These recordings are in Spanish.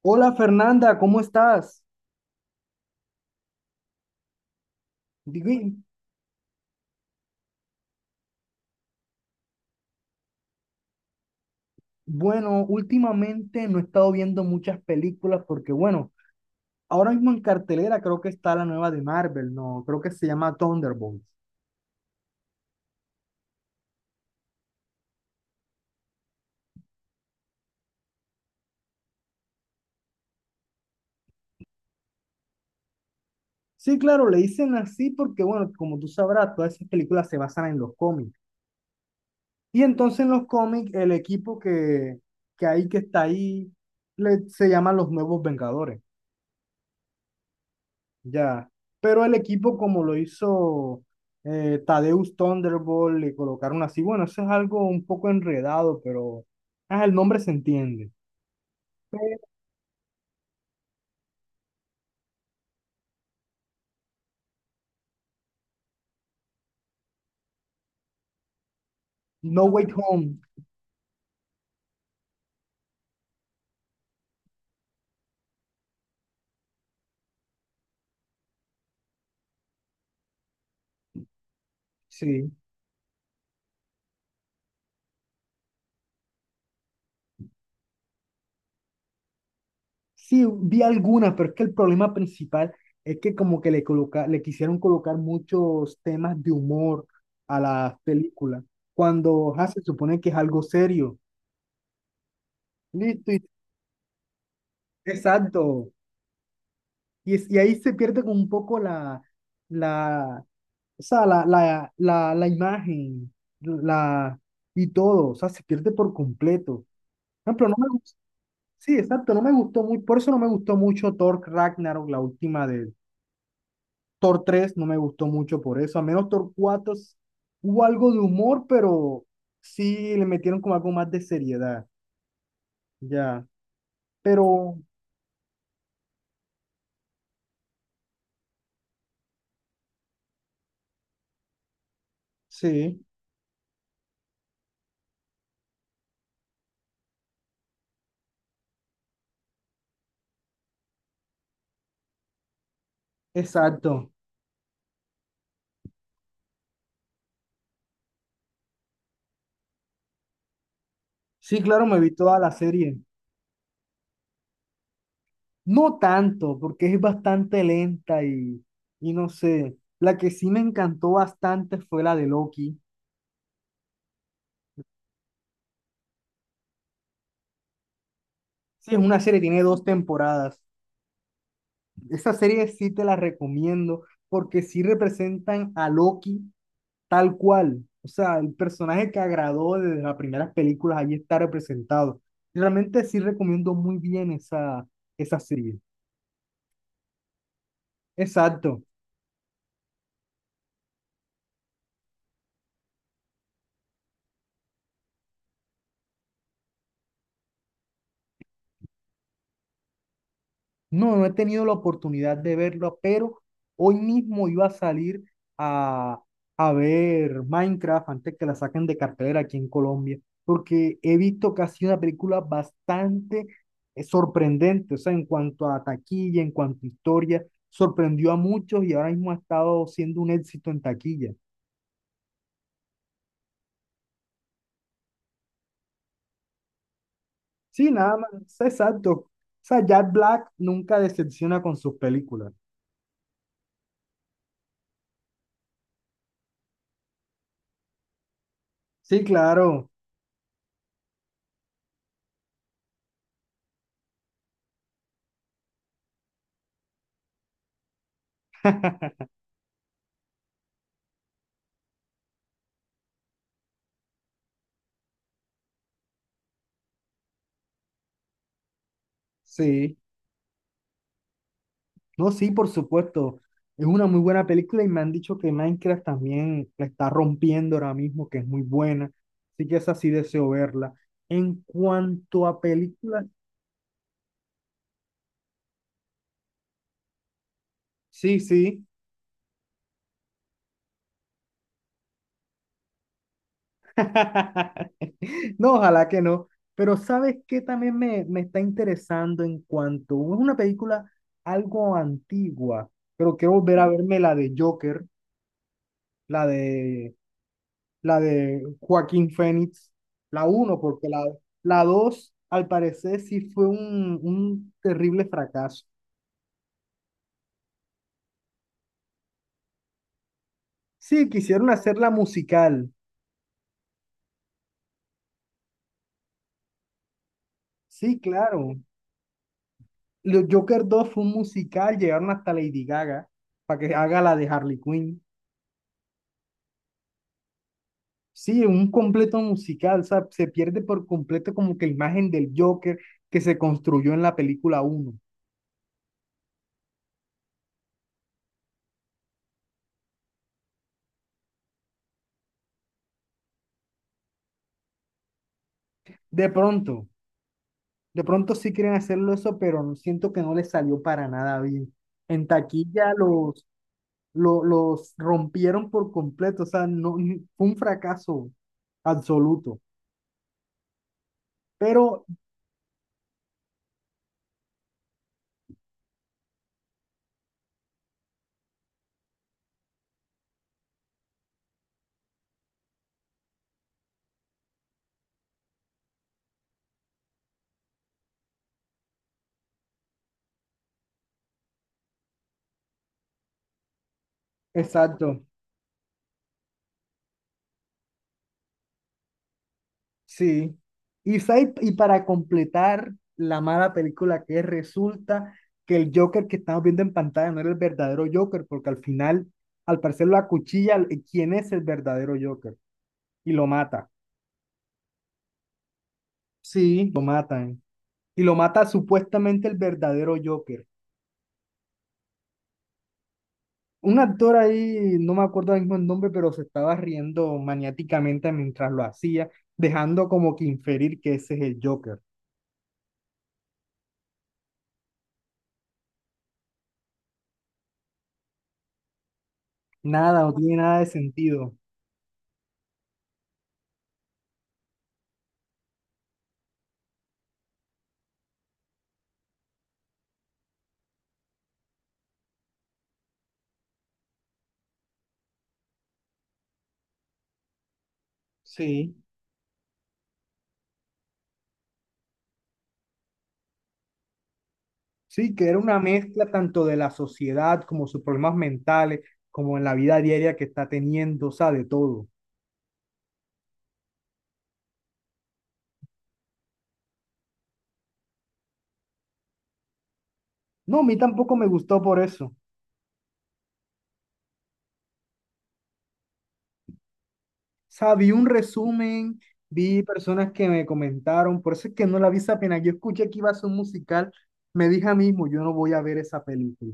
Hola Fernanda, ¿cómo estás? Digo, y, Bueno, últimamente no he estado viendo muchas películas porque, ahora mismo en cartelera creo que está la nueva de Marvel, ¿no? Creo que se llama Thunderbolts. Sí, claro, le dicen así porque, bueno, como tú sabrás, todas esas películas se basan en los cómics. Y entonces en los cómics el equipo que hay que está ahí se llaman los Nuevos Vengadores. Ya, pero el equipo como lo hizo Tadeusz Thunderbolt, le colocaron así, bueno, eso es algo un poco enredado, pero el nombre se entiende. No Way Home, sí, sí, vi algunas, pero es que el problema principal es que como que le quisieron colocar muchos temas de humor a las películas, cuando se supone que es algo serio. Listo, y- exacto. Y, y ahí se pierde como un poco la o sea, la imagen, la, y todo, o sea, se pierde por completo. Por ejemplo, no me gustó, sí, exacto, no me gustó muy, por eso no me gustó mucho Thor Ragnarok, la última de. Thor 3 no me gustó mucho por eso, a menos Thor 4 hubo algo de humor, pero sí le metieron como algo más de seriedad, ya, pero sí, exacto. Sí, claro, me vi toda la serie. No tanto, porque es bastante lenta y no sé. La que sí me encantó bastante fue la de Loki. Sí, es una serie, tiene dos temporadas. Esa serie sí te la recomiendo porque sí representan a Loki tal cual. O sea, el personaje que agradó desde las primeras películas, ahí está representado. Realmente sí recomiendo muy bien esa serie. Exacto. No, no he tenido la oportunidad de verlo, pero hoy mismo iba a salir a, a ver Minecraft antes que la saquen de cartelera aquí en Colombia, porque he visto que ha sido una película bastante sorprendente, o sea, en cuanto a taquilla, en cuanto a historia, sorprendió a muchos y ahora mismo ha estado siendo un éxito en taquilla. Sí, nada más, es exacto. O sea, Jack Black nunca decepciona con sus películas. Sí, claro, sí. No, sí, por supuesto. Es una muy buena película y me han dicho que Minecraft también la está rompiendo ahora mismo, que es muy buena. Así que esa sí deseo verla. En cuanto a películas, sí, sí. No, ojalá que no. Pero ¿sabes qué también me está interesando en cuanto? Es una película algo antigua, pero quiero volver a verme la de Joker, la de la de. Joaquín Phoenix la uno porque la 2 al parecer sí fue un terrible fracaso. Sí, quisieron hacerla musical. Sí, claro. Joker dos fue un musical, llegaron hasta Lady Gaga para que haga la de Harley Quinn. Sí, un completo musical, o sea, se pierde por completo como que la imagen del Joker que se construyó en la película uno. De pronto, De pronto sí quieren hacerlo eso, pero siento que no les salió para nada bien. En taquilla los rompieron por completo, o sea, no, fue un fracaso absoluto. Pero, exacto, sí. Y, y para completar la mala película que es, resulta que el Joker que estamos viendo en pantalla no era el verdadero Joker, porque al final, al parecer, lo acuchilla, ¿quién es el verdadero Joker? Y lo mata. Sí, lo matan. Y lo mata supuestamente el verdadero Joker. Un actor ahí, no me acuerdo ahora mismo el nombre, pero se estaba riendo maniáticamente mientras lo hacía, dejando como que inferir que ese es el Joker. Nada, no tiene nada de sentido. Sí, sí, que era una mezcla tanto de la sociedad como sus problemas mentales, como en la vida diaria que está teniendo, o sea, de todo. No, a mí tampoco me gustó por eso. O sea, vi un resumen, vi personas que me comentaron, por eso es que no la vi esa pena. Yo escuché que iba a ser un musical, me dije a mí mismo, yo no voy a ver esa película.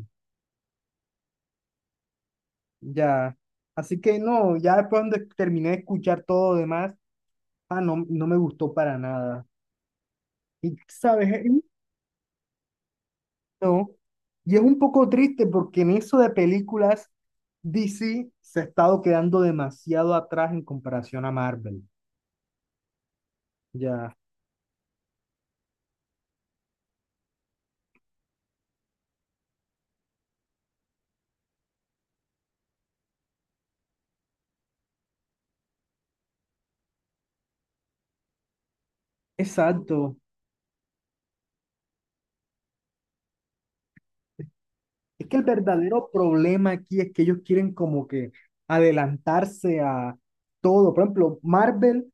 Ya. Así que no, ya después cuando terminé de escuchar todo lo demás, ah, no, no me gustó para nada. Y sabes, no. Y es un poco triste porque en eso de películas, DC se ha estado quedando demasiado atrás en comparación a Marvel. Ya. Exacto. Es que el verdadero problema aquí es que ellos quieren como que adelantarse a todo. Por ejemplo, Marvel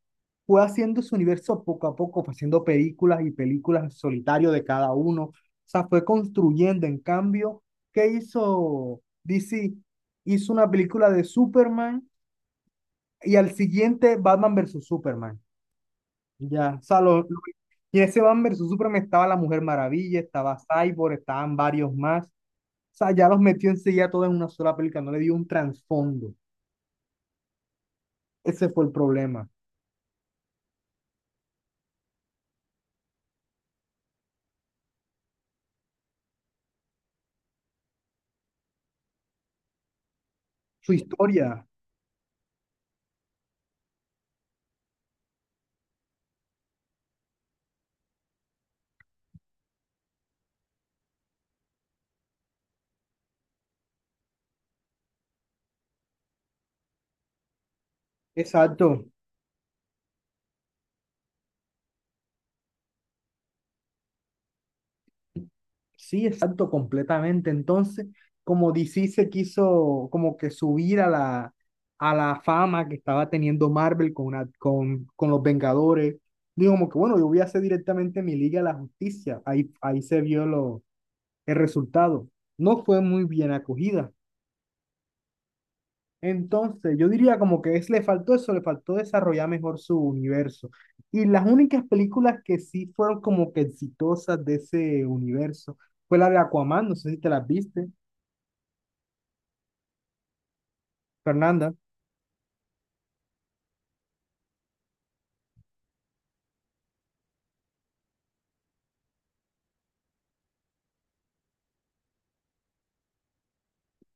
fue haciendo su universo poco a poco, fue haciendo películas y películas en solitario de cada uno. O sea, fue construyendo. En cambio, ¿qué hizo DC? Hizo una película de Superman y al siguiente Batman versus Superman. Ya, o sea, y ese Batman versus Superman estaba la Mujer Maravilla, estaba Cyborg, estaban varios más. O sea, ya los metió enseguida todos en una sola película, no le dio un trasfondo. Ese fue el problema. Su historia, exacto, sí, exacto, completamente. Entonces, como DC se quiso como que subir a a la fama que estaba teniendo Marvel con con los Vengadores, digo como que bueno, yo voy a hacer directamente mi Liga de la Justicia. Ahí se vio el resultado. No fue muy bien acogida. Entonces, yo diría como que es, le faltó eso, le faltó desarrollar mejor su universo. Y las únicas películas que sí fueron como que exitosas de ese universo fue la de Aquaman, no sé si te las viste, Fernanda.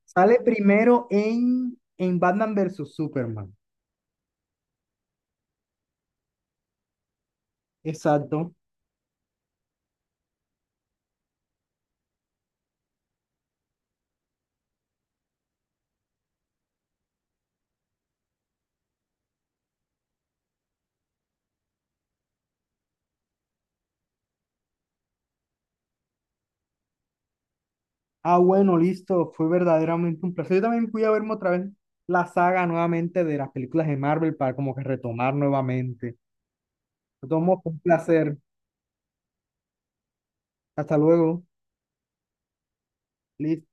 Sale primero en Batman versus Superman. Exacto. Ah, bueno, listo, fue verdaderamente un placer. Yo también fui a verme otra vez la saga nuevamente de las películas de Marvel para como que retomar nuevamente. Lo tomo, fue un placer. Hasta luego. Listo.